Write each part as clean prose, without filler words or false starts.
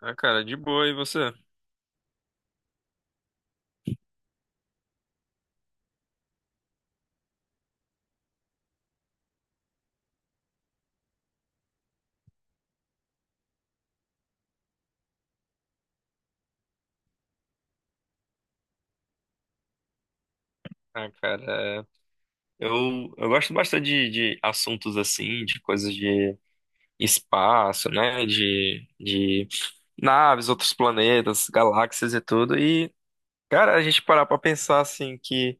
Ah, cara, de boa, e você? Ah, cara, eu gosto bastante de assuntos assim, de coisas de espaço, né? De naves, outros planetas, galáxias e tudo. E, cara, a gente parar pra pensar assim que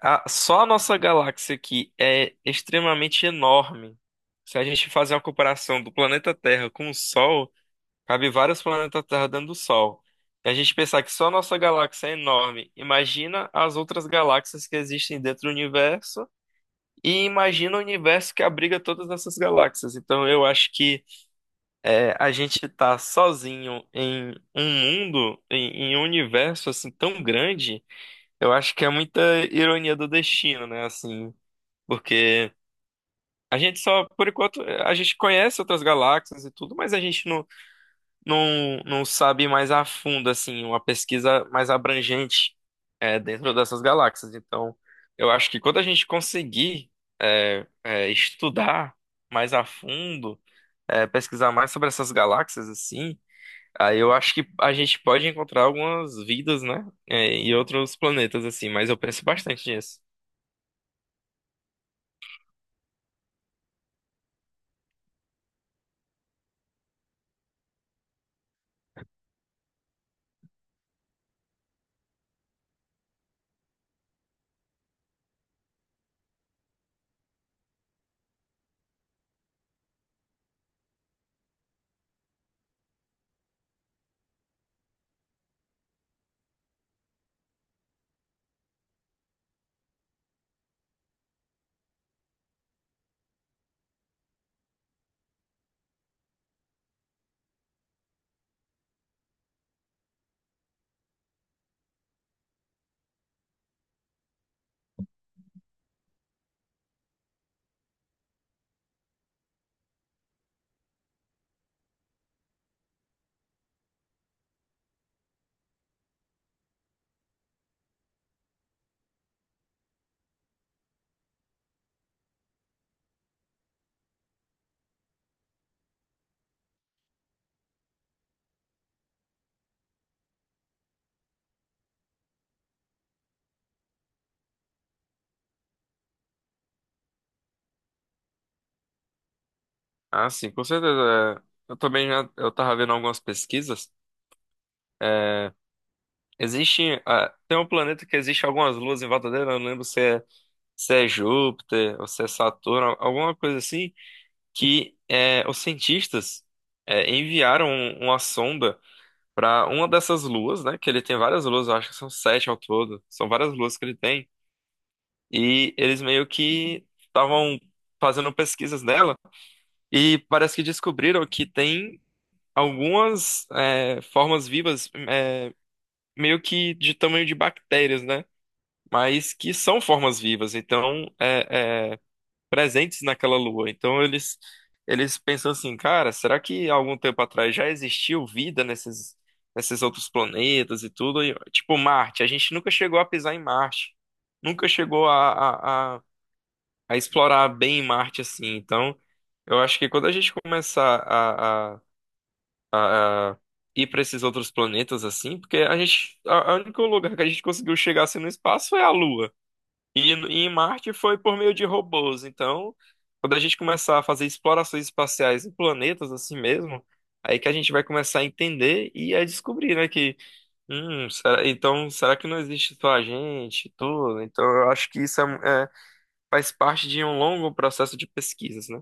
só a nossa galáxia aqui é extremamente enorme. Se a gente fazer uma comparação do planeta Terra com o Sol. Cabe vários planetas Terra dentro do Sol. E a gente pensar que só a nossa galáxia é enorme. Imagina as outras galáxias que existem dentro do universo. E imagina o universo que abriga todas essas galáxias. Então eu acho que a gente tá sozinho em um mundo, em um universo assim tão grande. Eu acho que é muita ironia do destino, né? Assim, porque a gente só, por enquanto, a gente conhece outras galáxias e tudo, mas a gente não, não sabe mais a fundo, assim, uma pesquisa mais abrangente dentro dessas galáxias. Então, eu acho que quando a gente conseguir estudar mais a fundo, pesquisar mais sobre essas galáxias, assim, aí eu acho que a gente pode encontrar algumas vidas, né, e outros planetas, assim, mas eu penso bastante nisso. Ah, sim, com certeza. Eu também já, eu tava vendo algumas pesquisas. É, Existe. ah, tem um planeta que existe algumas luas em volta dele, eu não lembro se é Júpiter ou se é Saturno, alguma coisa assim, que os cientistas enviaram uma sonda para uma dessas luas, né? Que ele tem várias luas, eu acho que são sete ao todo, são várias luas que ele tem, e eles meio que estavam fazendo pesquisas nela, e parece que descobriram que tem algumas formas vivas, meio que de tamanho de bactérias, né? Mas que são formas vivas, então presentes naquela lua. Então eles pensam assim, cara, será que há algum tempo atrás já existiu vida nesses outros planetas e tudo? E, tipo Marte, a gente nunca chegou a pisar em Marte, nunca chegou a explorar bem Marte assim. Então eu acho que quando a gente começar a ir para esses outros planetas assim, porque a gente a único lugar que a gente conseguiu chegar assim no espaço é a Lua. E em Marte foi por meio de robôs. Então, quando a gente começar a fazer explorações espaciais em planetas assim mesmo, aí que a gente vai começar a entender e a descobrir, né, que, então, será que não existe só a gente, e tudo? Então, eu acho que isso faz parte de um longo processo de pesquisas, né?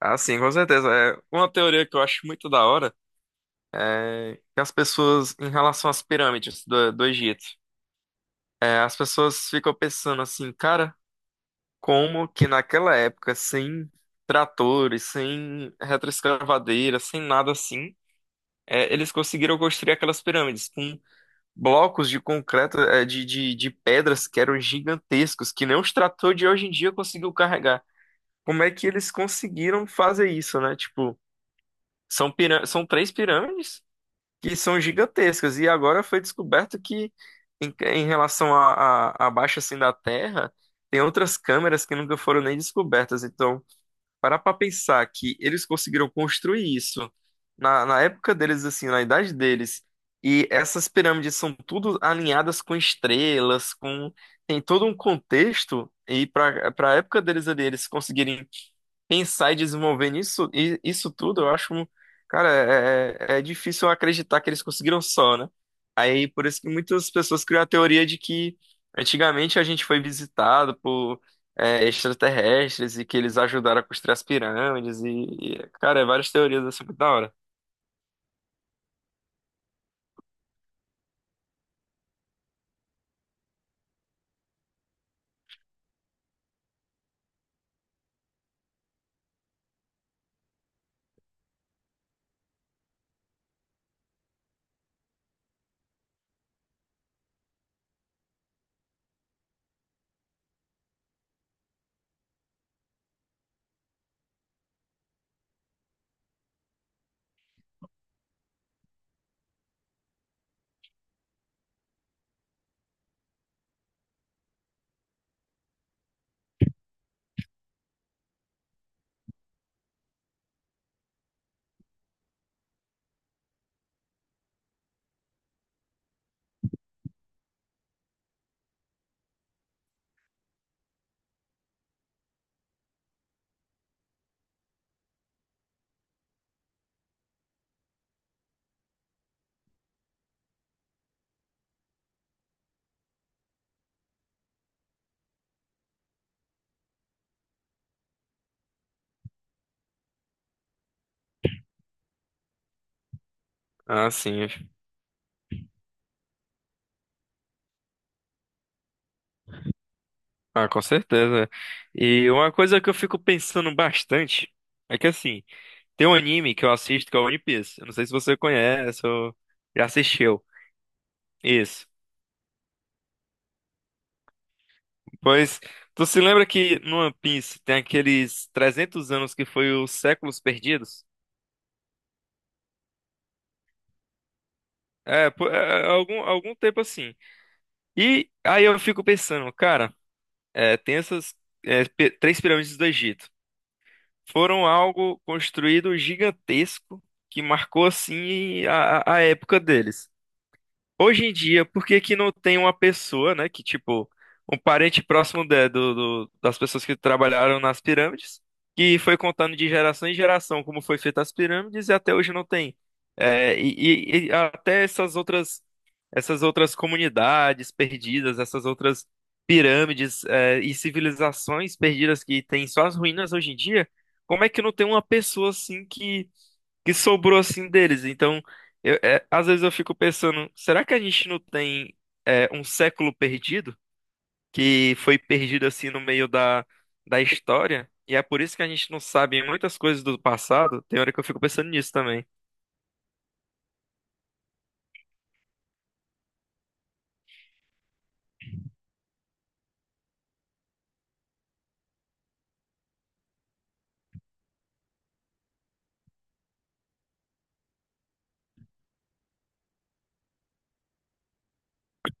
Ah, sim, com certeza. É uma teoria que eu acho muito da hora, é que as pessoas, em relação às pirâmides do Egito, as pessoas ficam pensando assim, cara. Como que naquela época, sem tratores, sem retroescavadeira, sem nada assim, eles conseguiram construir aquelas pirâmides com blocos de concreto, de pedras que eram gigantescos, que nem os tratores de hoje em dia conseguiu carregar. Como é que eles conseguiram fazer isso, né? Tipo, são três pirâmides que são gigantescas, e agora foi descoberto que, em relação à baixa assim da Terra, tem outras câmeras que nunca foram nem descobertas, então parar pra pensar que eles conseguiram construir isso na época deles, assim, na idade deles, e essas pirâmides são tudo alinhadas com estrelas, com tem todo um contexto, e para a época deles ali, eles conseguirem pensar e desenvolver nisso, isso tudo, eu acho, cara, é difícil acreditar que eles conseguiram só, né? Aí, por isso que muitas pessoas criam a teoria de que antigamente a gente foi visitado por extraterrestres e que eles ajudaram a construir as pirâmides e, cara, várias teorias assim, muito da hora. Ah, sim, ah, com certeza. E uma coisa que eu fico pensando bastante é que, assim, tem um anime que eu assisto que é o One Piece. Eu não sei se você conhece ou já assistiu. Isso. Pois, tu se lembra que no One Piece tem aqueles 300 anos que foi os séculos perdidos? É, pô, algum tempo assim. E aí eu fico pensando, cara, tem essas três pirâmides do Egito. Foram algo construído gigantesco que marcou assim a época deles. Hoje em dia, por que que não tem uma pessoa, né, que tipo, um parente próximo das pessoas que trabalharam nas pirâmides, que foi contando de geração em geração como foi feita as pirâmides e até hoje não tem. É, e, e até essas outras, comunidades perdidas, essas outras pirâmides, e civilizações perdidas que tem só as ruínas hoje em dia, como é que não tem uma pessoa assim que sobrou assim deles. Então, às vezes eu fico pensando, será que a gente não tem um século perdido? Que foi perdido assim no meio da história? E é por isso que a gente não sabe muitas coisas do passado. Tem hora que eu fico pensando nisso também.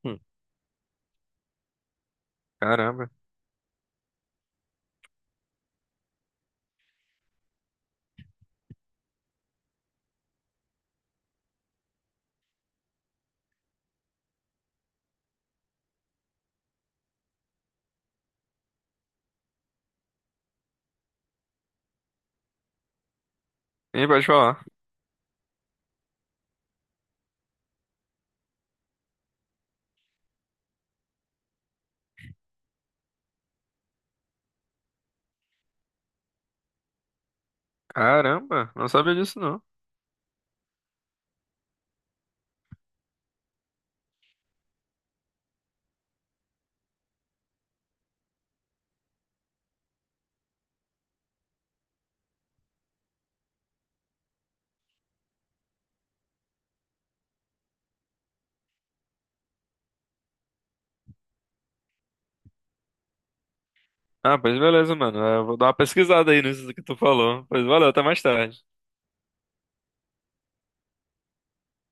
Hum, Caramba. Hein, pode falar. Caramba, não sabia disso não. Ah, pois beleza, mano. Eu vou dar uma pesquisada aí nisso que tu falou. Pois valeu, até mais tarde.